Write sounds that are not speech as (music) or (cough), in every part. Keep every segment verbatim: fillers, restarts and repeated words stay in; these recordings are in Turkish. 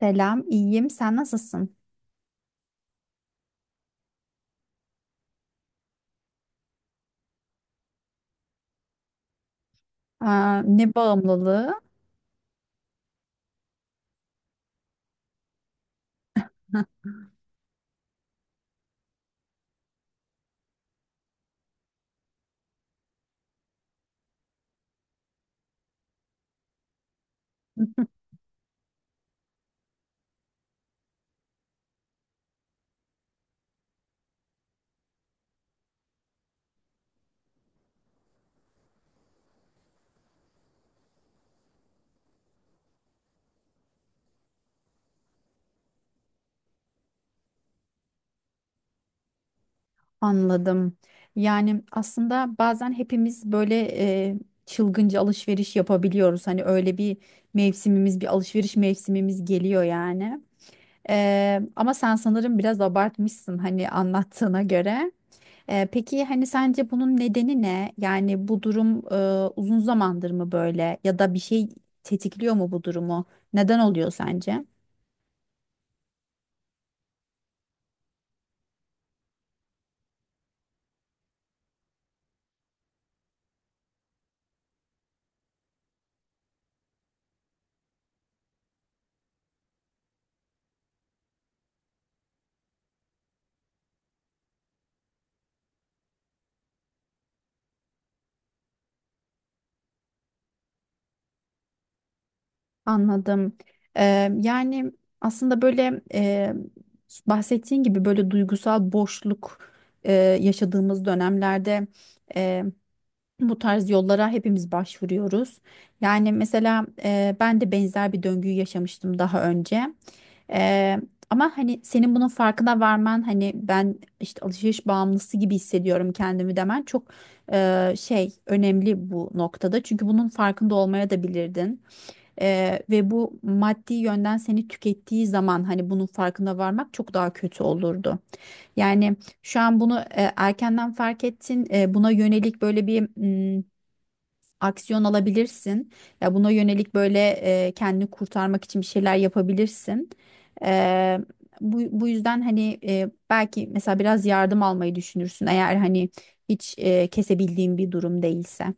Selam, iyiyim. Sen nasılsın? Aa, ne bağımlılığı? (laughs) Anladım. Yani aslında bazen hepimiz böyle e, çılgınca alışveriş yapabiliyoruz. Hani öyle bir mevsimimiz, bir alışveriş mevsimimiz geliyor yani. Ee, ama sen sanırım biraz abartmışsın, hani, anlattığına göre. Ee, peki hani sence bunun nedeni ne? Yani bu durum e, uzun zamandır mı böyle, ya da bir şey tetikliyor mu bu durumu? Neden oluyor sence? Anladım. Ee, yani aslında böyle e, bahsettiğin gibi böyle duygusal boşluk e, yaşadığımız dönemlerde e, bu tarz yollara hepimiz başvuruyoruz. Yani mesela e, ben de benzer bir döngüyü yaşamıştım daha önce. Ee, ama hani senin bunun farkına varman, hani ben işte alışveriş bağımlısı gibi hissediyorum kendimi demen çok e, şey, önemli bu noktada. Çünkü bunun farkında olmaya da bilirdin. Eee, ve bu maddi yönden seni tükettiği zaman hani bunun farkına varmak çok daha kötü olurdu. Yani şu an bunu e, erkenden fark ettin. E, buna yönelik böyle bir mm, aksiyon alabilirsin. Ya buna yönelik böyle e, kendini kurtarmak için bir şeyler yapabilirsin. Eee, bu, bu yüzden hani e, belki mesela biraz yardım almayı düşünürsün, eğer hani hiç e, kesebildiğin bir durum değilse.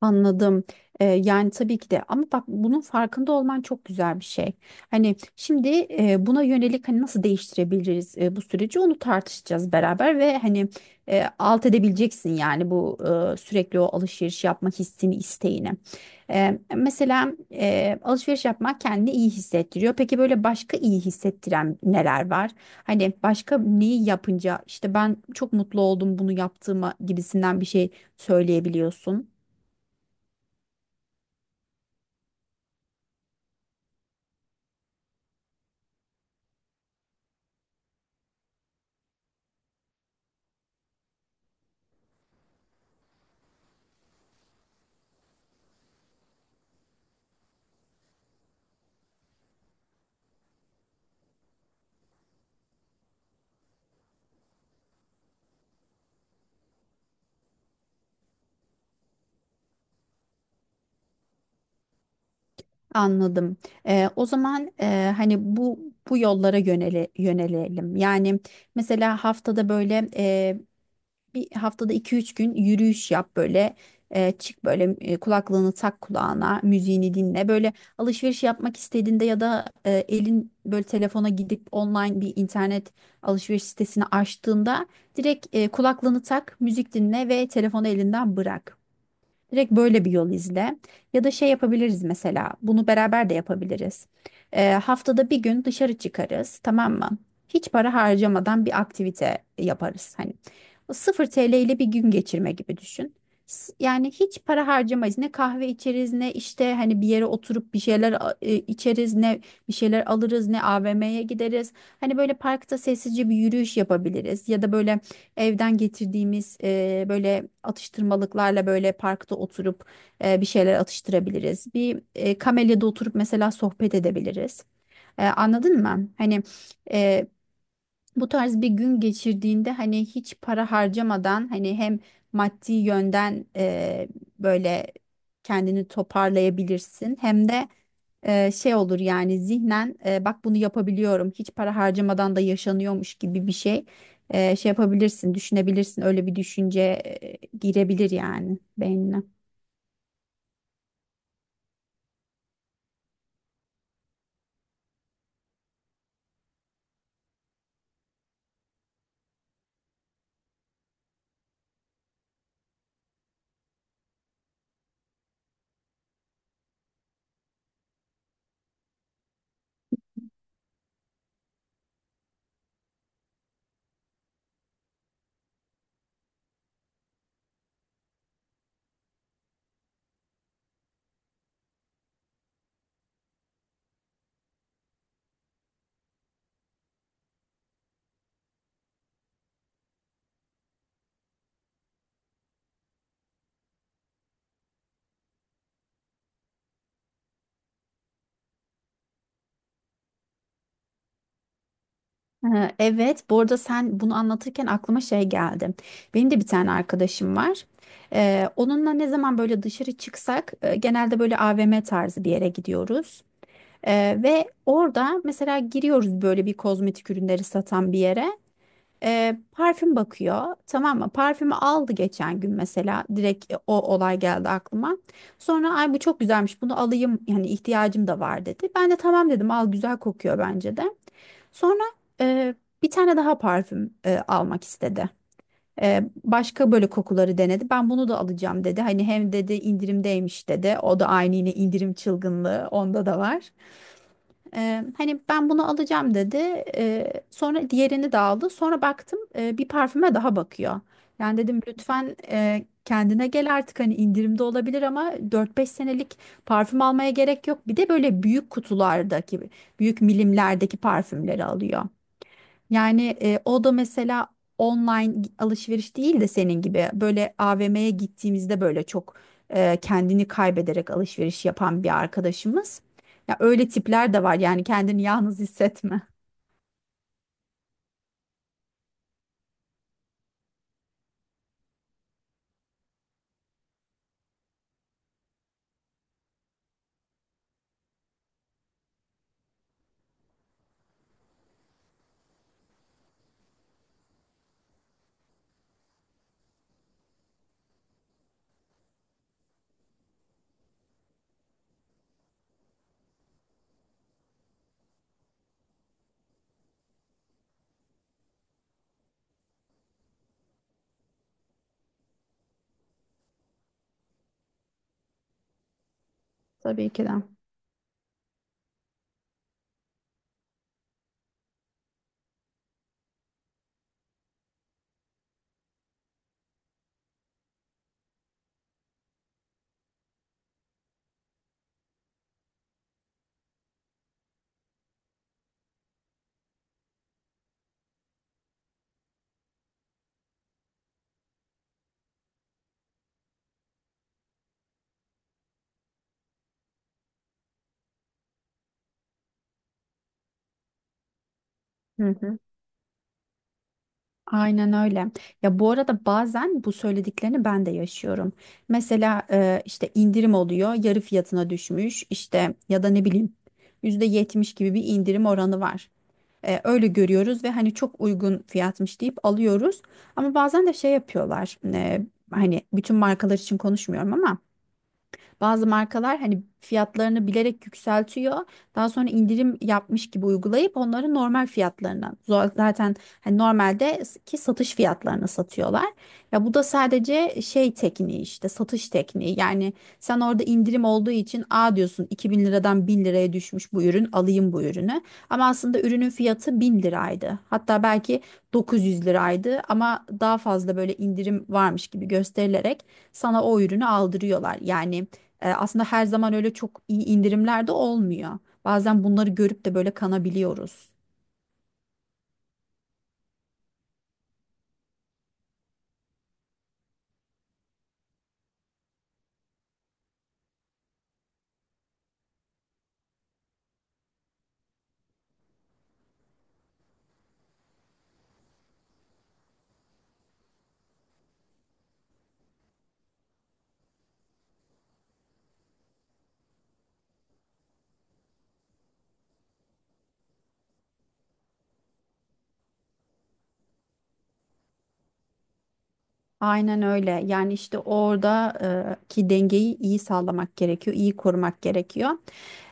Anladım. Ee, yani tabii ki de, ama bak bunun farkında olman çok güzel bir şey. Hani şimdi e, buna yönelik, hani nasıl değiştirebiliriz e, bu süreci, onu tartışacağız beraber ve hani e, alt edebileceksin yani bu e, sürekli o alışveriş yapma hissini, isteğini. E, mesela e, alışveriş yapmak kendini iyi hissettiriyor. Peki böyle başka iyi hissettiren neler var? Hani başka neyi yapınca işte ben çok mutlu oldum bunu yaptığıma gibisinden bir şey söyleyebiliyorsun. Anladım. Ee, o zaman e, hani bu bu yollara yönele, yönelelim. Yani mesela haftada böyle e, bir haftada iki üç gün yürüyüş yap böyle. E, çık böyle e, kulaklığını tak kulağına, müziğini dinle. Böyle alışveriş yapmak istediğinde ya da e, elin böyle telefona gidip online bir internet alışveriş sitesini açtığında, direkt e, kulaklığını tak, müzik dinle ve telefonu elinden bırak. Direkt böyle bir yol izle. Ya da şey yapabiliriz mesela. Bunu beraber de yapabiliriz. Ee, haftada bir gün dışarı çıkarız, tamam mı? Hiç para harcamadan bir aktivite yaparız. Hani o sıfır T L ile bir gün geçirme gibi düşün. S- Yani hiç para harcamayız. Ne kahve içeriz, ne işte hani bir yere oturup bir şeyler a- e, içeriz, ne bir şeyler alırız, ne A V M'ye gideriz. Hani böyle parkta sessizce bir yürüyüş yapabiliriz, ya da böyle evden getirdiğimiz e, böyle atıştırmalıklarla böyle parkta oturup e, bir şeyler atıştırabiliriz. Bir e, kamelyada oturup mesela sohbet edebiliriz. E, anladın mı? Hani e, bu tarz bir gün geçirdiğinde, hani hiç para harcamadan, hani hem maddi yönden e, böyle kendini toparlayabilirsin, hem de e, şey olur yani, zihnen e, bak, bunu yapabiliyorum, hiç para harcamadan da yaşanıyormuş gibi bir şey e, şey yapabilirsin, düşünebilirsin, öyle bir düşünce e, girebilir yani beynine. Ee, Evet, bu arada sen bunu anlatırken aklıma şey geldi. Benim de bir tane arkadaşım var. Ee, onunla ne zaman böyle dışarı çıksak e, genelde böyle A V M tarzı bir yere gidiyoruz. Ee, ve orada mesela giriyoruz böyle bir kozmetik ürünleri satan bir yere. Ee, parfüm bakıyor, tamam mı? Parfümü aldı geçen gün mesela, direkt e, o olay geldi aklıma. Sonra ay bu çok güzelmiş bunu alayım yani, ihtiyacım da var dedi. Ben de tamam dedim, al, güzel kokuyor bence de. Sonra e, bir tane daha parfüm e, almak istedi. E, başka böyle kokuları denedi. Ben bunu da alacağım dedi. Hani hem dedi indirimdeymiş dedi. O da aynı, yine indirim çılgınlığı onda da var. Ee, hani ben bunu alacağım dedi. Ee, sonra diğerini de aldı. Sonra baktım e, bir parfüme daha bakıyor. Yani dedim lütfen e, kendine gel artık, hani indirimde olabilir ama dört beş senelik parfüm almaya gerek yok. Bir de böyle büyük kutulardaki, büyük milimlerdeki parfümleri alıyor. Yani e, o da mesela online alışveriş değil de senin gibi böyle A V M'ye gittiğimizde böyle çok e, kendini kaybederek alışveriş yapan bir arkadaşımız. Ya öyle tipler de var yani, kendini yalnız hissetme. Tabii ki de. Hı hı. Aynen öyle. Ya bu arada bazen bu söylediklerini ben de yaşıyorum. Mesela e, işte indirim oluyor, yarı fiyatına düşmüş işte ya da ne bileyim yüzde yetmiş gibi bir indirim oranı var. E, öyle görüyoruz ve hani çok uygun fiyatmış deyip alıyoruz. Ama bazen de şey yapıyorlar. e, hani bütün markalar için konuşmuyorum, ama bazı markalar hani fiyatlarını bilerek yükseltiyor. Daha sonra indirim yapmış gibi uygulayıp, onları normal fiyatlarından zo- zaten hani normalde ki satış fiyatlarına satıyorlar. Ya bu da sadece şey tekniği işte, satış tekniği. Yani sen orada indirim olduğu için a diyorsun, iki bin liradan bin liraya düşmüş bu ürün, alayım bu ürünü. Ama aslında ürünün fiyatı bin liraydı. Hatta belki dokuz yüz liraydı, ama daha fazla böyle indirim varmış gibi gösterilerek sana o ürünü aldırıyorlar. Yani e, aslında her zaman öyle çok iyi indirimler de olmuyor. Bazen bunları görüp de böyle kanabiliyoruz. Aynen öyle. Yani işte orada e, ki dengeyi iyi sağlamak gerekiyor, iyi korumak gerekiyor.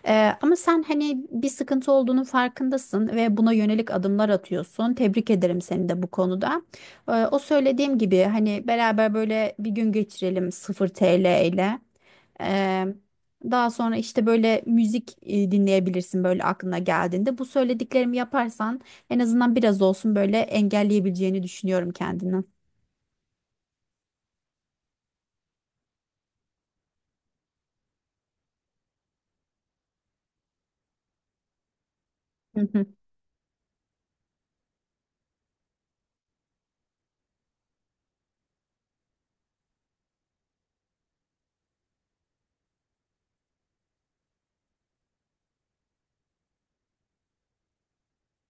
Ee, ama sen hani bir sıkıntı olduğunun farkındasın ve buna yönelik adımlar atıyorsun. Tebrik ederim seni de bu konuda. Ee, o söylediğim gibi hani beraber böyle bir gün geçirelim sıfır T L ile. Ee, daha sonra işte böyle müzik e, dinleyebilirsin böyle aklına geldiğinde. Bu söylediklerimi yaparsan en azından biraz olsun böyle engelleyebileceğini düşünüyorum kendini. Hı hı.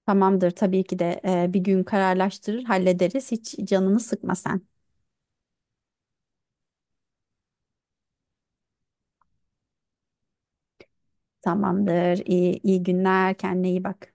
Tamamdır tabii ki de e, bir gün kararlaştırır hallederiz. Hiç canını sıkma sen. Tamamdır. İyi, iyi günler. Kendine iyi bak.